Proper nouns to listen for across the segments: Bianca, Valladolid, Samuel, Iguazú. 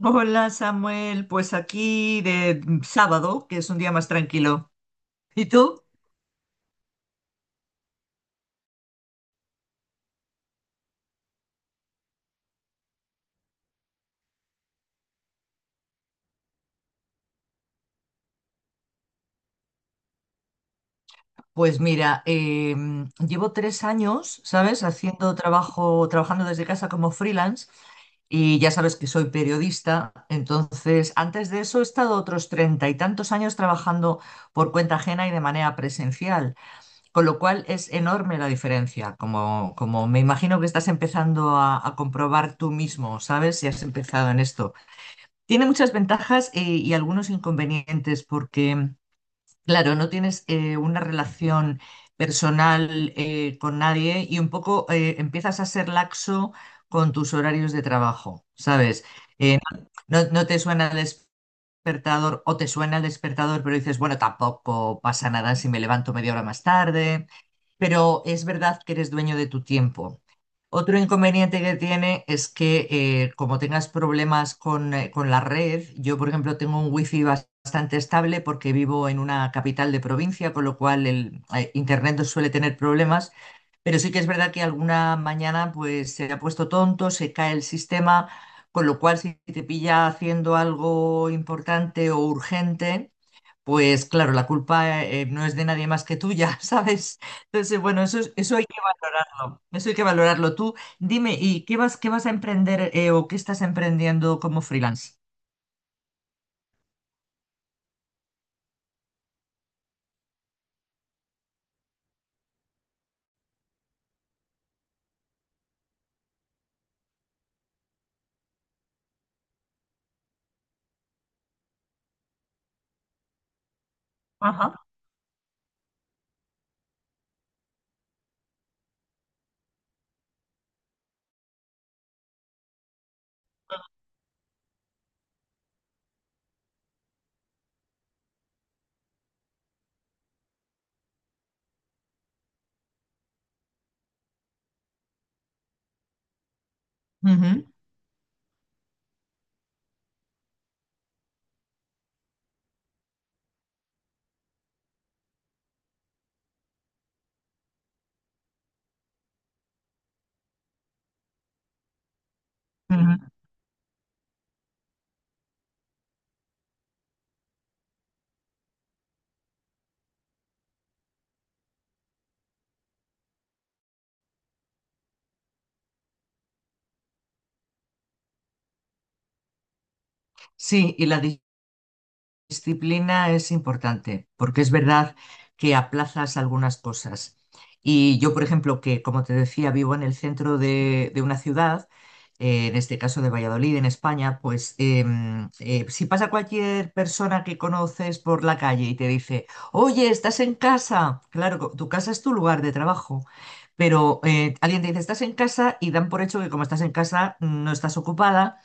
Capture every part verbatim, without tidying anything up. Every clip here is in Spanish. Hola Samuel, pues aquí de sábado, que es un día más tranquilo. ¿Y tú? Pues mira, eh, llevo tres años, ¿sabes? Haciendo trabajo, trabajando desde casa como freelance, y ya sabes que soy periodista. Entonces, antes de eso he estado otros treinta y tantos años trabajando por cuenta ajena y de manera presencial, con lo cual es enorme la diferencia, como, como me imagino que estás empezando a, a comprobar tú mismo, ¿sabes? Si has empezado en esto. Tiene muchas ventajas eh, y algunos inconvenientes porque, claro, no tienes, eh, una relación personal, eh, con nadie, y un poco eh, empiezas a ser laxo con tus horarios de trabajo, ¿sabes? Eh, no, no te suena el despertador, o te suena el despertador, pero dices, bueno, tampoco pasa nada si me levanto media hora más tarde, pero es verdad que eres dueño de tu tiempo. Otro inconveniente que tiene es que, eh, como tengas problemas con, eh, con la red. Yo, por ejemplo, tengo un wifi bastante bastante estable porque vivo en una capital de provincia, con lo cual el, eh, internet no suele tener problemas, pero sí que es verdad que alguna mañana pues se ha puesto tonto, se cae el sistema, con lo cual, si te pilla haciendo algo importante o urgente, pues claro, la culpa, eh, no es de nadie más que tuya, ¿sabes? Entonces, bueno, eso, es- eso hay que valorarlo, eso hay que valorarlo. Tú dime, ¿y qué vas, qué vas a emprender, eh, o qué estás emprendiendo como freelance? Ajá. Ujú, ujú. Sí, y la dis- disciplina es importante, porque es verdad que aplazas algunas cosas. Y yo, por ejemplo, que como te decía, vivo en el centro de, de una ciudad, eh, en este caso de Valladolid, en España, pues em, eh, si pasa cualquier persona que conoces por la calle y te dice, oye, estás en casa, claro, co- tu casa es tu lugar de trabajo. Pero, eh, alguien te dice, estás en casa y dan por hecho que, como estás en casa, no estás ocupada,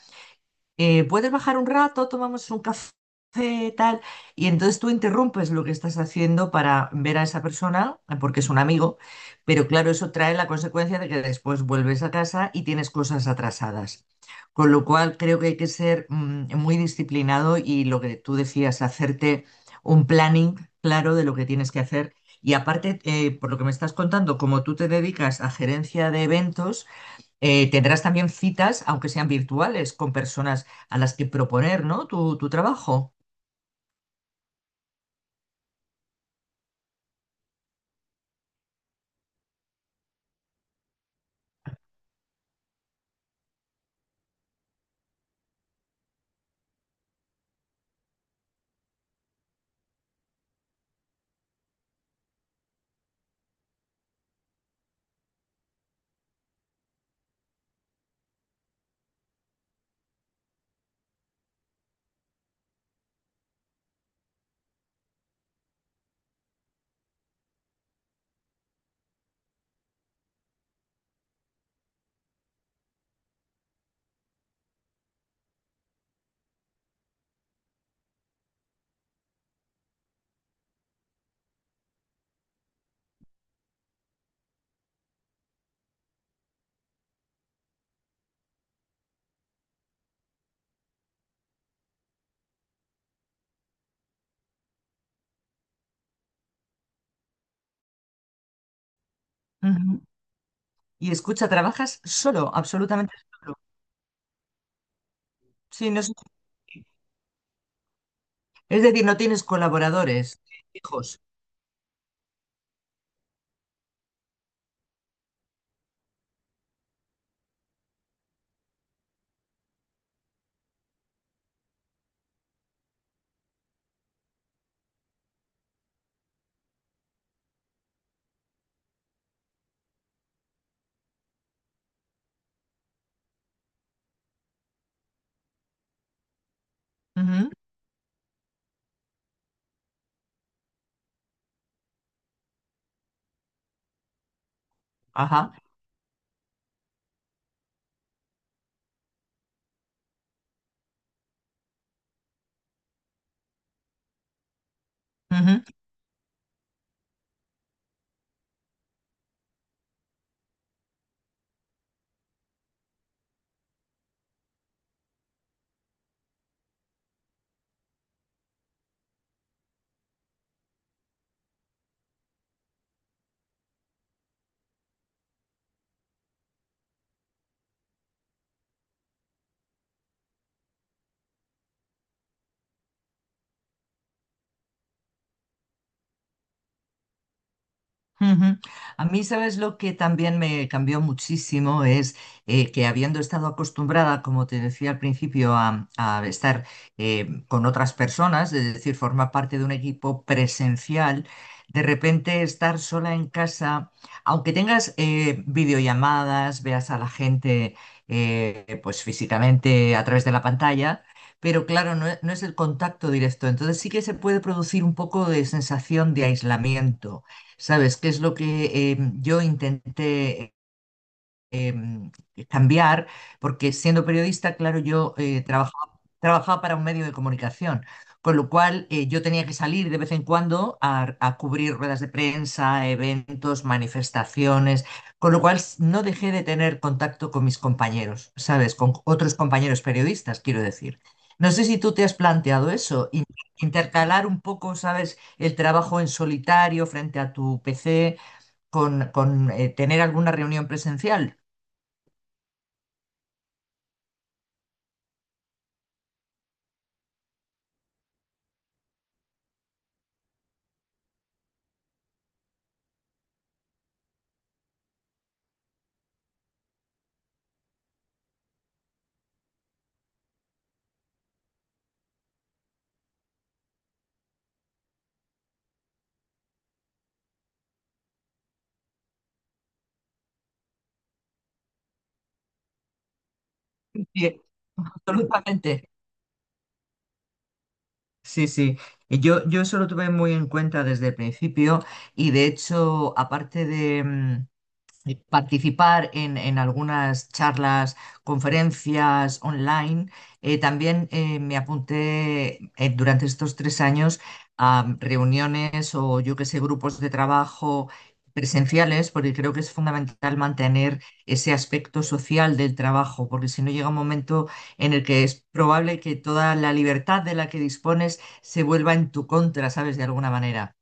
eh, puedes bajar un rato, tomamos un café, tal, y entonces tú interrumpes lo que estás haciendo para ver a esa persona, eh, porque es un amigo, pero claro, eso trae la consecuencia de que después vuelves a casa y tienes cosas atrasadas. Con lo cual, creo que hay que ser, mm, muy disciplinado, y lo que tú decías, hacerte un planning claro de lo que tienes que hacer. Y aparte, eh, por lo que me estás contando, como tú te dedicas a gerencia de eventos, eh, tendrás también citas, aunque sean virtuales, con personas a las que proponer, ¿no? Tu, tu trabajo. Ujú. Y escucha, trabajas solo, absolutamente solo. Sí, no es, es decir, no tienes colaboradores fijos. Ujú. Ajá. Ujú. Ujú. A mí, ¿sabes lo que también me cambió muchísimo? Es, eh, que habiendo estado acostumbrada, como te decía al principio, a, a estar, eh, con otras personas, es decir, formar parte de un equipo presencial, de repente estar sola en casa, aunque tengas, eh, videollamadas, veas a la gente, eh, pues físicamente a través de la pantalla. Pero claro, no es no es el contacto directo, entonces sí que se puede producir un poco de sensación de aislamiento. ¿Sabes? ¿Qué es lo que, eh, yo intenté, eh, em, cambiar? Porque, siendo periodista, claro, yo, eh, trabajaba, trabajaba para un medio de comunicación, con lo cual, eh, yo tenía que salir de vez en cuando a, a cubrir ruedas de prensa, eventos, manifestaciones, con lo cual s- no dejé de tener contacto con mis compañeros, ¿sabes? Con otros compañeros periodistas, quiero decir. No sé si tú te has planteado eso, in- intercalar un poco, ¿sabes? El trabajo en solitario frente a tu P C con, con, eh, tener alguna reunión presencial. Sí, absolutamente. Sí, sí. Y Yo, yo eso lo tuve muy en cuenta desde el principio, y de hecho, aparte de, mm, eh, participar en, en algunas charlas, conferencias online. Eh, también, eh, me apunté, eh, durante estos tres años, a reuniones, o yo que sé, grupos de trabajo presenciales, porque creo que es fundamental mantener ese aspecto social del trabajo, porque si no llega un momento en el que es probable que toda la libertad de la que dispones se vuelva en tu contra, ¿sabes? De alguna manera.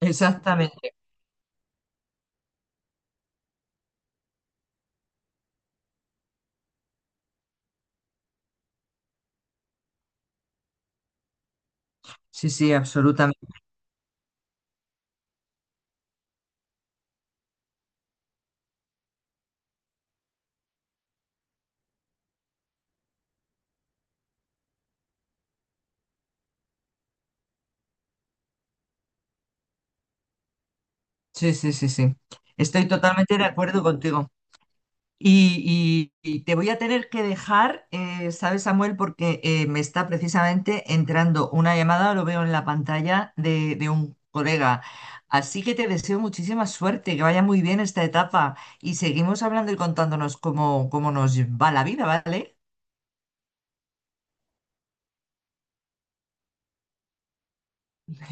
Exactamente. Sí, sí, absolutamente. Sí, sí, sí, sí. Estoy totalmente de acuerdo contigo. Y, y- y te voy a tener que dejar, eh, ¿sabes, Samuel? Porque, eh, me está precisamente entrando una llamada, lo veo en la pantalla de, de un colega. Así que te deseo muchísima suerte, que vaya muy bien esta etapa, y seguimos hablando y contándonos cómo, cómo nos va la vida, ¿vale?